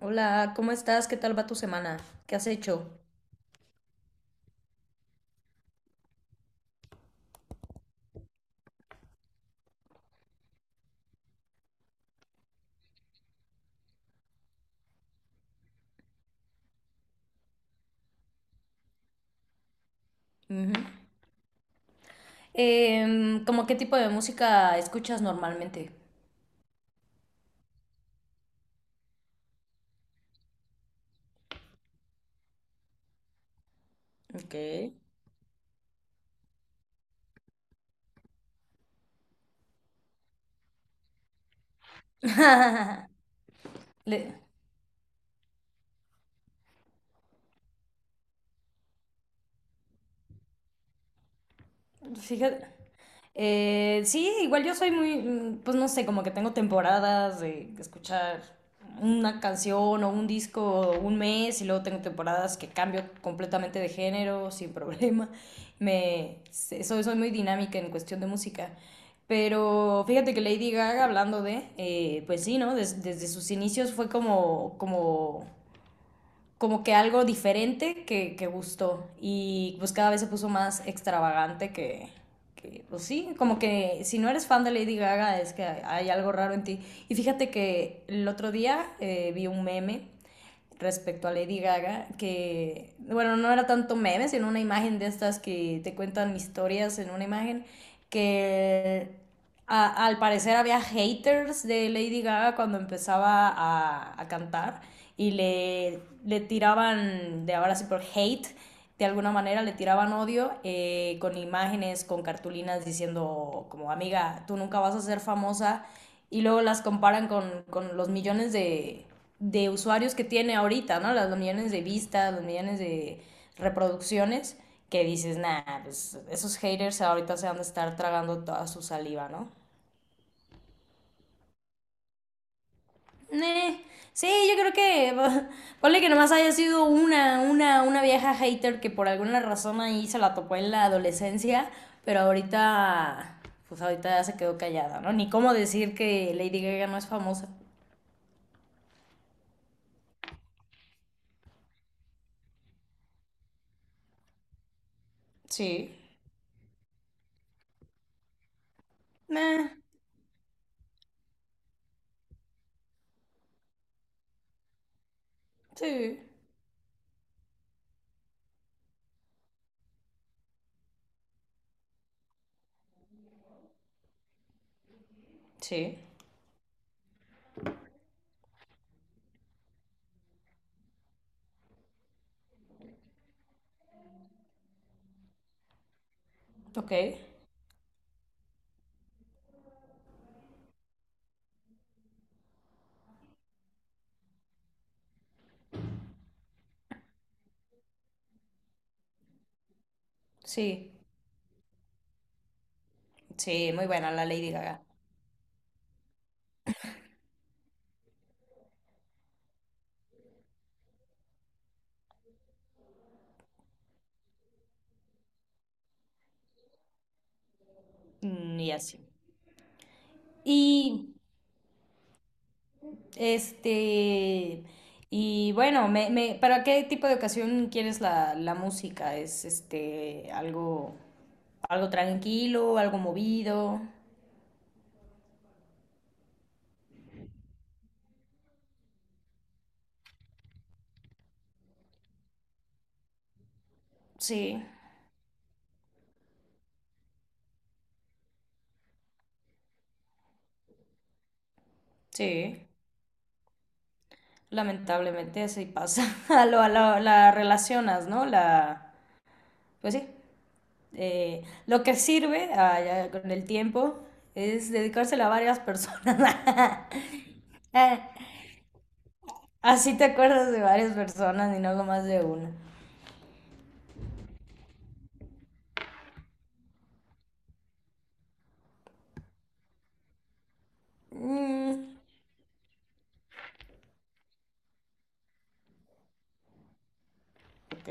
Hola, ¿cómo estás? ¿Qué tal va tu semana? ¿Qué has hecho? ¿Cómo qué tipo de música escuchas normalmente? Ok. Le- Fíjate. Sí, igual yo soy muy, pues no sé, como que tengo temporadas de escuchar una canción o un disco un mes y luego tengo temporadas que cambio completamente de género sin problema. Soy muy dinámica en cuestión de música. Pero fíjate que Lady Gaga, hablando de, pues sí, ¿no? Desde sus inicios fue como, como que algo diferente que gustó y pues cada vez se puso más extravagante que, pues sí, como que si no eres fan de Lady Gaga es que hay algo raro en ti. Y fíjate que el otro día vi un meme respecto a Lady Gaga, que, bueno, no era tanto meme, sino una imagen de estas que te cuentan historias en una imagen, que al parecer había haters de Lady Gaga cuando empezaba a cantar y le tiraban, de ahora sí por hate, de alguna manera le tiraban odio con imágenes, con cartulinas diciendo como amiga, tú nunca vas a ser famosa y luego las comparan con los millones de usuarios que tiene ahorita, ¿no? Los millones de vistas, los millones de reproducciones, que dices, nah, pues esos haters ahorita se van a estar tragando toda su saliva, ¿no? Eh, sí, yo creo que ponle que nomás haya sido una vieja hater que por alguna razón ahí se la topó en la adolescencia, pero ahorita, pues ahorita ya se quedó callada, ¿no? Ni cómo decir que Lady Gaga no es famosa. Sí. Nah. Sí, sí, ok, sí, sí, muy buena la Lady Gaga. Mm, y así. Y este, y bueno, ¿para qué tipo de ocasión quieres la música? ¿Es este algo, algo tranquilo, algo movido? Sí, sí, lamentablemente así pasa. La relacionas, ¿no? La, pues sí. Lo que sirve ah, ya con el tiempo es dedicárselo a varias personas. Ah, así te acuerdas de varias personas y no algo más de una. Mm, ok,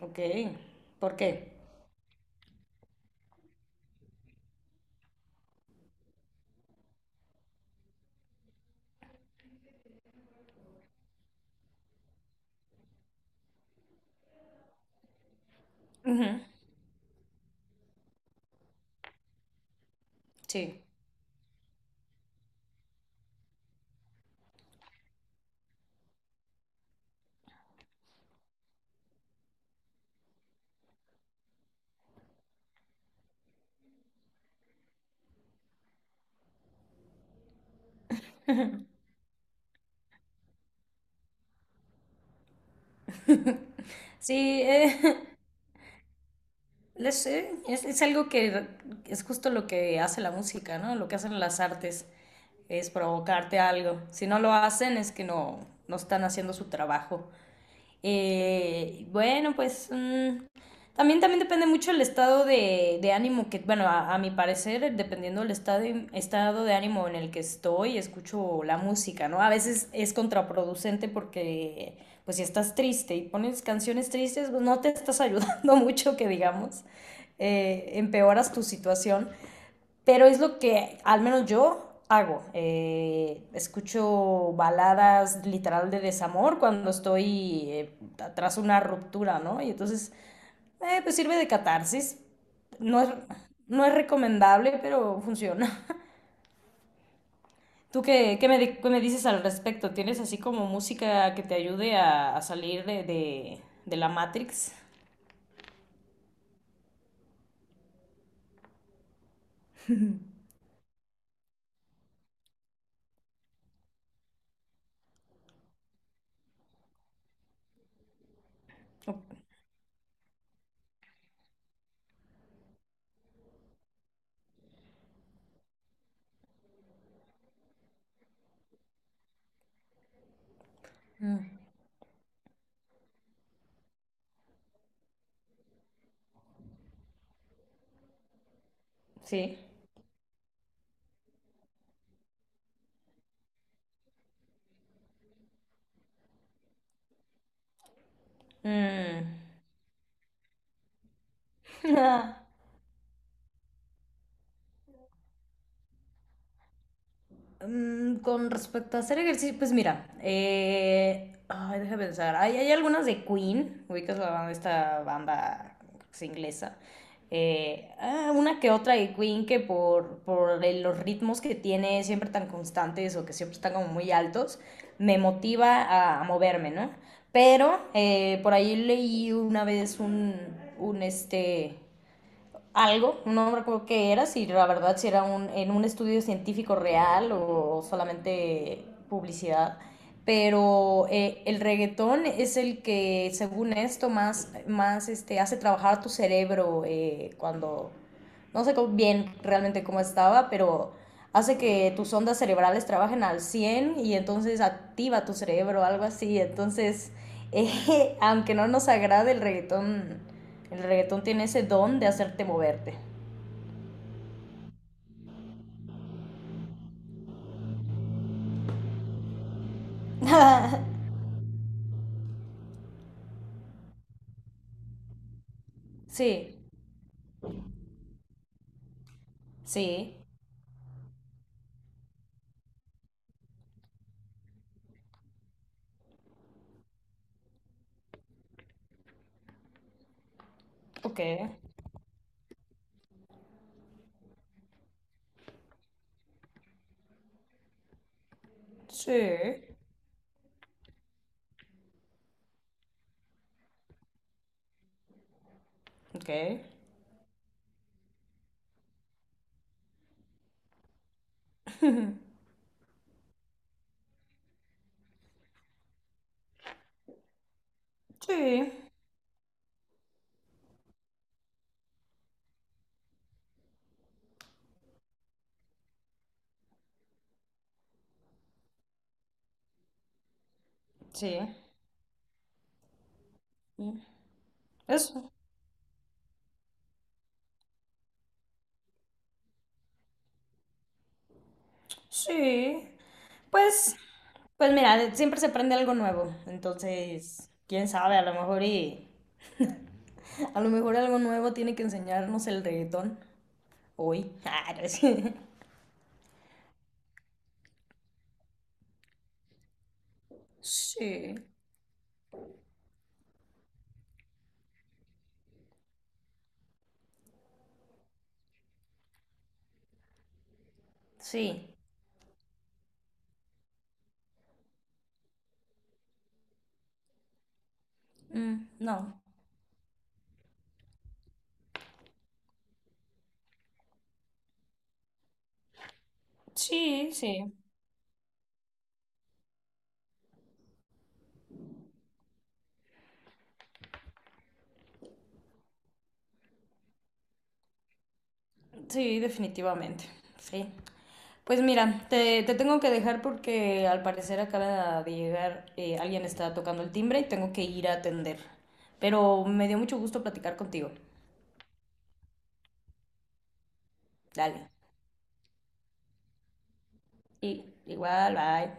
ok. ¿Por qué? Ujú, sí. Sí, es algo que es justo lo que hace la música, ¿no? Lo que hacen las artes es provocarte algo. Si no lo hacen es que no, no están haciendo su trabajo. Bueno, pues también, también depende mucho el estado de ánimo que, bueno, a mi parecer, dependiendo del estado de ánimo en el que estoy, escucho la música, ¿no? A veces es contraproducente porque, pues si estás triste y pones canciones tristes, pues no te estás ayudando mucho, que digamos, empeoras tu situación. Pero es lo que al menos yo hago. Escucho baladas literal de desamor cuando estoy tras una ruptura, ¿no? Y entonces, pues sirve de catarsis. No es, no es recomendable, pero funciona. ¿Tú qué, qué me dices al respecto? ¿Tienes así como música que te ayude a salir de la Matrix? Sí. Mm. Mm, con respecto a hacer ejercicio, pues mira, ay, déjame pensar, hay algunas de Queen, ubicas la banda, esta banda que es inglesa, ah, una que otra de Queen que por, los ritmos que tiene siempre tan constantes o que siempre están como muy altos, me motiva a moverme, ¿no? Pero por ahí leí una vez un este algo, no recuerdo qué era, si la verdad si era un, en un estudio científico real o solamente publicidad, pero el reggaetón es el que, según esto, más, más este, hace trabajar tu cerebro cuando, no sé cómo- bien realmente cómo estaba, pero hace que tus ondas cerebrales trabajen al 100 y entonces activa tu cerebro, algo así, entonces, aunque no nos agrade el reggaetón tiene ese don de hacerte moverte. Sí, sí, ok, sí, ok, sí, sí, mm, eso, sí. Pues, pues mira, de- siempre se aprende algo nuevo, entonces, quién sabe, a lo mejor y... A lo mejor algo nuevo tiene que enseñarnos el reggaetón hoy. Ah, no es- Sí, sí, mm, no. Sí, sí, sí, definitivamente, sí. Pues mira, te tengo que dejar porque al parecer acaba de llegar, alguien está tocando el timbre y tengo que ir a atender. Pero me dio mucho gusto platicar contigo. Dale. Y igual, bye.